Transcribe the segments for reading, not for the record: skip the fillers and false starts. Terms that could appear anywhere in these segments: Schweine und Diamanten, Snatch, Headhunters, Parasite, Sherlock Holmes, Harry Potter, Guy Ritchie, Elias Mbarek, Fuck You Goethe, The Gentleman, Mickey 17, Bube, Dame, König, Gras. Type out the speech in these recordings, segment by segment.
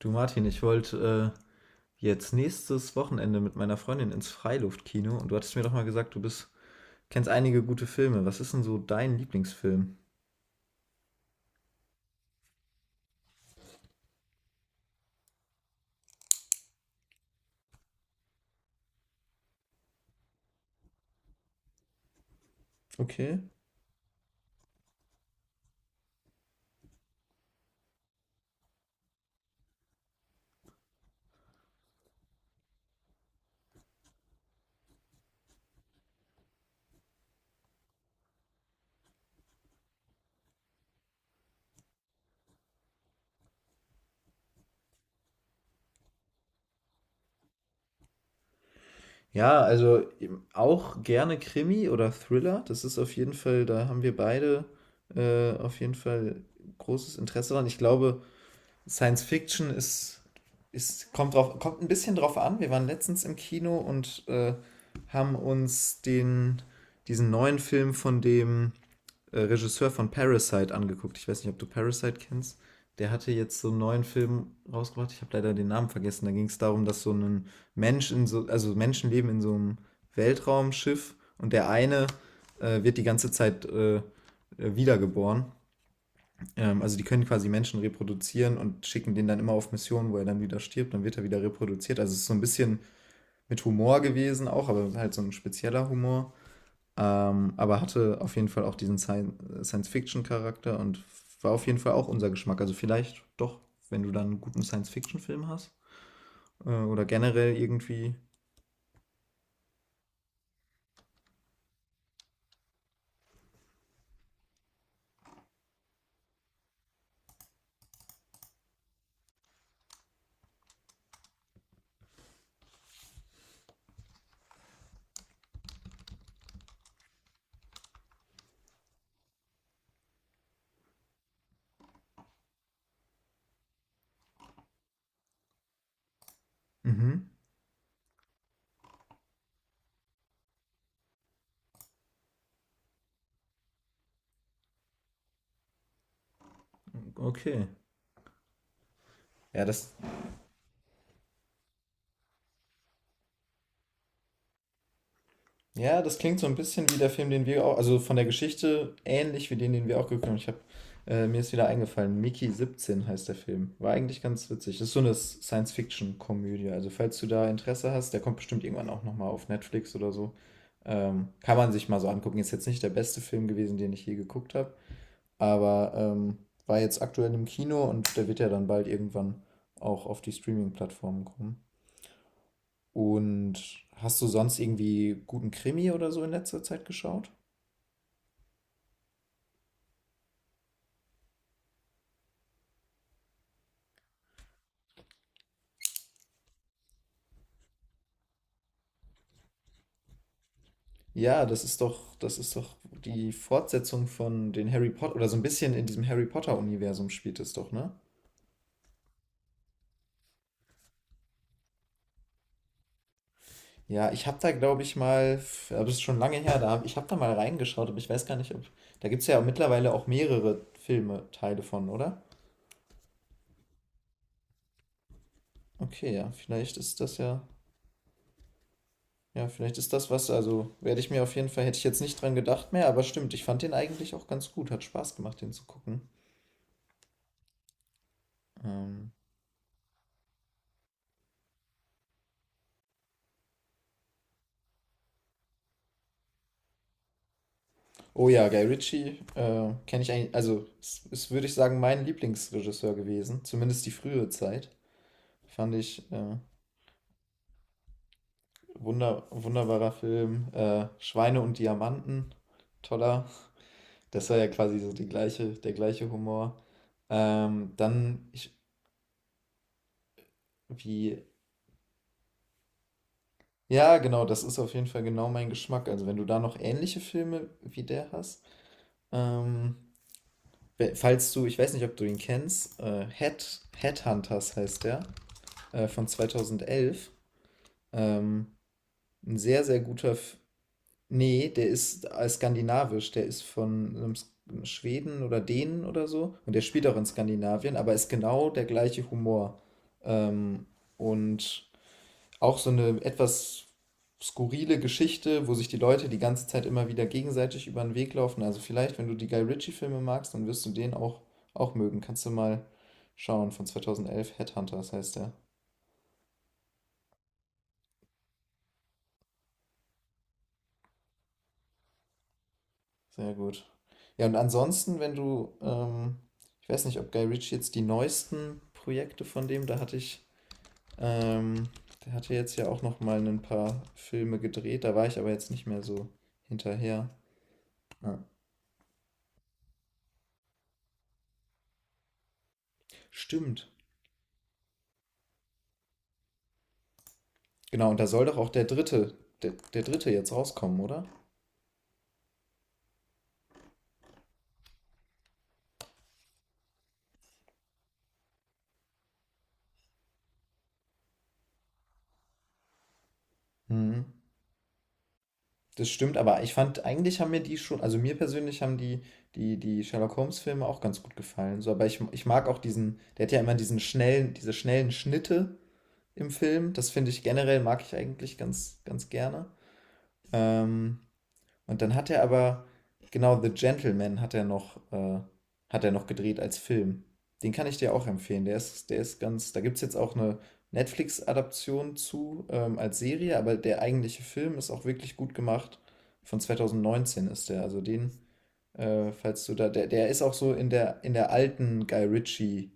Du Martin, ich wollte jetzt nächstes Wochenende mit meiner Freundin ins Freiluftkino und du hattest mir doch mal gesagt, kennst einige gute Filme. Was ist denn so dein Lieblingsfilm? Okay. Ja, also auch gerne Krimi oder Thriller. Das ist auf jeden Fall, da haben wir beide auf jeden Fall großes Interesse dran. Ich glaube, Science Fiction ist kommt drauf, kommt ein bisschen drauf an. Wir waren letztens im Kino und haben uns diesen neuen Film von dem Regisseur von Parasite angeguckt. Ich weiß nicht, ob du Parasite kennst. Der hatte jetzt so einen neuen Film rausgebracht. Ich habe leider den Namen vergessen. Da ging es darum, dass so ein Mensch in so, also Menschen leben in so einem Weltraumschiff und der eine wird die ganze Zeit wiedergeboren. Also die können quasi Menschen reproduzieren und schicken den dann immer auf Missionen, wo er dann wieder stirbt, dann wird er wieder reproduziert. Also es ist so ein bisschen mit Humor gewesen auch, aber halt so ein spezieller Humor. Aber hatte auf jeden Fall auch diesen Science-Fiction-Charakter und war auf jeden Fall auch unser Geschmack. Also vielleicht doch, wenn du dann einen guten Science-Fiction-Film hast. Oder generell irgendwie. Mhm. Okay. Ja, das, Ja, das klingt so ein bisschen wie der Film, den wir auch, also von der Geschichte ähnlich wie den, den wir auch geguckt haben. Ich habe, mir ist wieder eingefallen, Mickey 17 heißt der Film. War eigentlich ganz witzig. Das ist so eine Science-Fiction-Komödie. Also falls du da Interesse hast, der kommt bestimmt irgendwann auch nochmal auf Netflix oder so. Kann man sich mal so angucken. Ist jetzt nicht der beste Film gewesen, den ich je geguckt habe, aber war jetzt aktuell im Kino und der wird ja dann bald irgendwann auch auf die Streaming-Plattformen kommen. Und hast du sonst irgendwie guten Krimi oder so in letzter Zeit geschaut? Ja, das ist doch die Fortsetzung von den Harry Potter oder so ein bisschen in diesem Harry Potter Universum spielt es doch, ne? Ja, ich habe da glaube ich mal, aber das ist schon lange her, ich habe da mal reingeschaut, aber ich weiß gar nicht, ob da gibt es ja mittlerweile auch mehrere Filme Teile von, oder? Okay, ja, vielleicht ist das ja, ja, vielleicht ist das was, also werde ich mir auf jeden Fall, hätte ich jetzt nicht dran gedacht mehr, aber stimmt, ich fand den eigentlich auch ganz gut, hat Spaß gemacht, den zu gucken. Ähm, Oh ja, Guy Ritchie kenne ich eigentlich, also es ist, würde ich sagen, mein Lieblingsregisseur gewesen, zumindest die frühere Zeit. Fand ich wunderbarer Film. Schweine und Diamanten, toller. Das war ja quasi so die gleiche, der gleiche Humor. Ähm, dann, ich, wie, ja, genau, das ist auf jeden Fall genau mein Geschmack. Also wenn du da noch ähnliche Filme wie der hast, ähm, falls du, ich weiß nicht, ob du ihn kennst, Headhunters heißt der. Von 2011. Ähm, ein sehr, sehr guter. F Nee, der ist skandinavisch. Der ist von einem Schweden oder Dänen oder so. Und der spielt auch in Skandinavien, aber ist genau der gleiche Humor. Ähm, und auch so eine etwas skurrile Geschichte, wo sich die Leute die ganze Zeit immer wieder gegenseitig über den Weg laufen. Also vielleicht, wenn du die Guy Ritchie-Filme magst, dann wirst du den auch mögen. Kannst du mal schauen, von 2011, Headhunters heißt der. Sehr gut. Ja, und ansonsten, wenn du, ich weiß nicht, ob Guy Ritchie jetzt die neuesten Projekte von dem, da hatte ich, ähm, der hatte jetzt ja auch noch mal ein paar Filme gedreht, da war ich aber jetzt nicht mehr so hinterher. Ja. Stimmt. Genau, und da soll doch auch der dritte jetzt rauskommen, oder? Mhm. Das stimmt, aber ich fand, eigentlich haben mir die schon, also mir persönlich haben die Sherlock Holmes-Filme auch ganz gut gefallen. So, aber ich mag auch diesen, der hat ja immer diesen schnellen, diese schnellen Schnitte im Film. Das finde ich generell, mag ich eigentlich ganz, ganz gerne. Ähm, und dann hat er aber, genau, The Gentleman hat er noch gedreht als Film. Den kann ich dir auch empfehlen. Der ist ganz, da gibt es jetzt auch eine Netflix-Adaption zu als Serie, aber der eigentliche Film ist auch wirklich gut gemacht. Von 2019 ist der. Also den, falls du da, der ist auch so in der alten Guy Ritchie-Art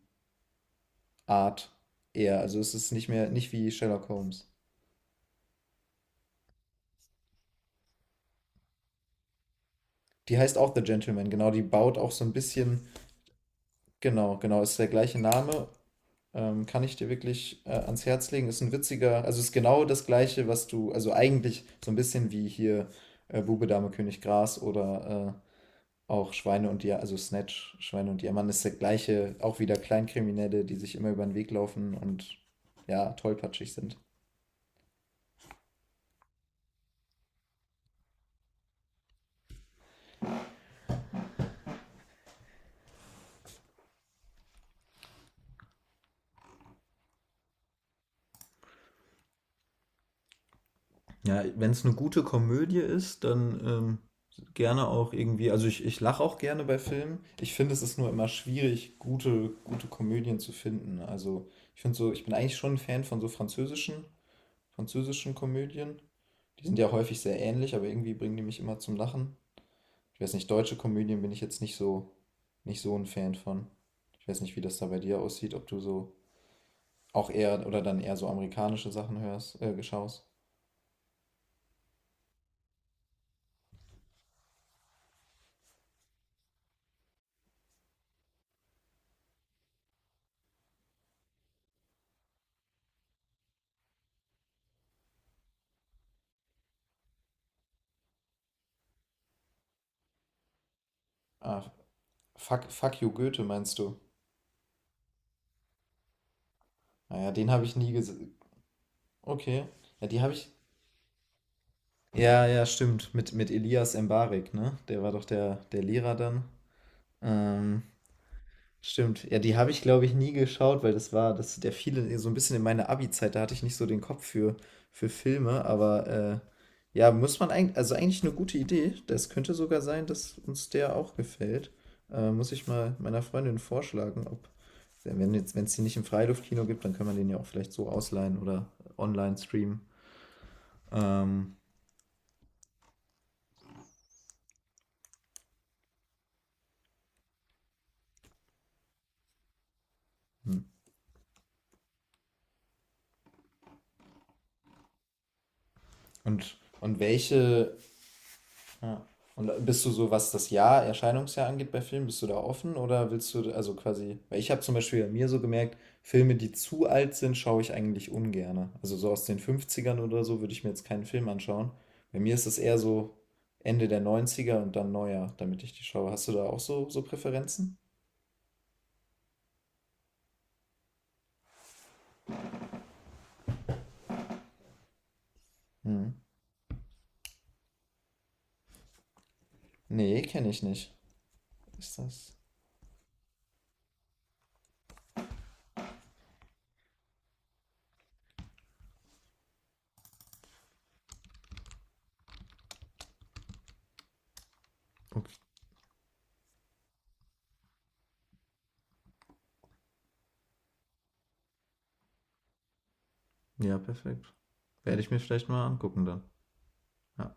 eher. Also es ist nicht mehr, nicht wie Sherlock Holmes. Die heißt auch The Gentleman, genau. Die baut auch so ein bisschen, genau, genau, ist der gleiche Name. Kann ich dir wirklich ans Herz legen. Ist ein witziger, also ist genau das Gleiche, was du, also eigentlich so ein bisschen wie hier Bube, Dame, König, Gras oder auch Schweine und Diamant, also Snatch, Schweine und Diamant ist der gleiche, auch wieder Kleinkriminelle, die sich immer über den Weg laufen und ja, tollpatschig sind. Ja, wenn es eine gute Komödie ist, dann gerne auch irgendwie. Also ich lache auch gerne bei Filmen. Ich finde, es ist nur immer schwierig, gute, gute Komödien zu finden. Also ich finde so, ich bin eigentlich schon ein Fan von so französischen, französischen Komödien. Die sind ja häufig sehr ähnlich, aber irgendwie bringen die mich immer zum Lachen. Ich weiß nicht, deutsche Komödien bin ich jetzt nicht so, nicht so ein Fan von. Ich weiß nicht, wie das da bei dir aussieht, ob du so auch eher oder dann eher so amerikanische Sachen hörst, schaust. Ah, fuck you Goethe, meinst du? Naja, den habe ich nie gesehen. Okay. Ja, die habe ich. Ja, ja, stimmt. Mit Elias Mbarek, ne? Der war doch der Lehrer dann. Ähm, stimmt. Ja, die habe ich, glaube ich, nie geschaut, weil das war, das, der fiel so ein bisschen in meine Abi-Zeit. Da hatte ich nicht so den Kopf für Filme, aber ja, muss man eigentlich, also eigentlich eine gute Idee. Das könnte sogar sein, dass uns der auch gefällt. Muss ich mal meiner Freundin vorschlagen, ob, wenn jetzt, wenn es die nicht im Freiluftkino gibt, dann kann man den ja auch vielleicht so ausleihen oder online streamen. Ähm, und welche, ja, und bist du so, was das Jahr, Erscheinungsjahr angeht bei Filmen, bist du da offen oder willst du, also quasi, weil ich habe zum Beispiel bei mir so gemerkt, Filme, die zu alt sind, schaue ich eigentlich ungerne. Also so aus den Fünfzigern oder so würde ich mir jetzt keinen Film anschauen. Bei mir ist es eher so Ende der Neunziger und dann neuer, damit ich die schaue. Hast du da auch so Präferenzen? Hm. Nee, kenne ich nicht. Ist das? Okay. Ja, perfekt. Werde ich mir vielleicht mal angucken dann. Ja.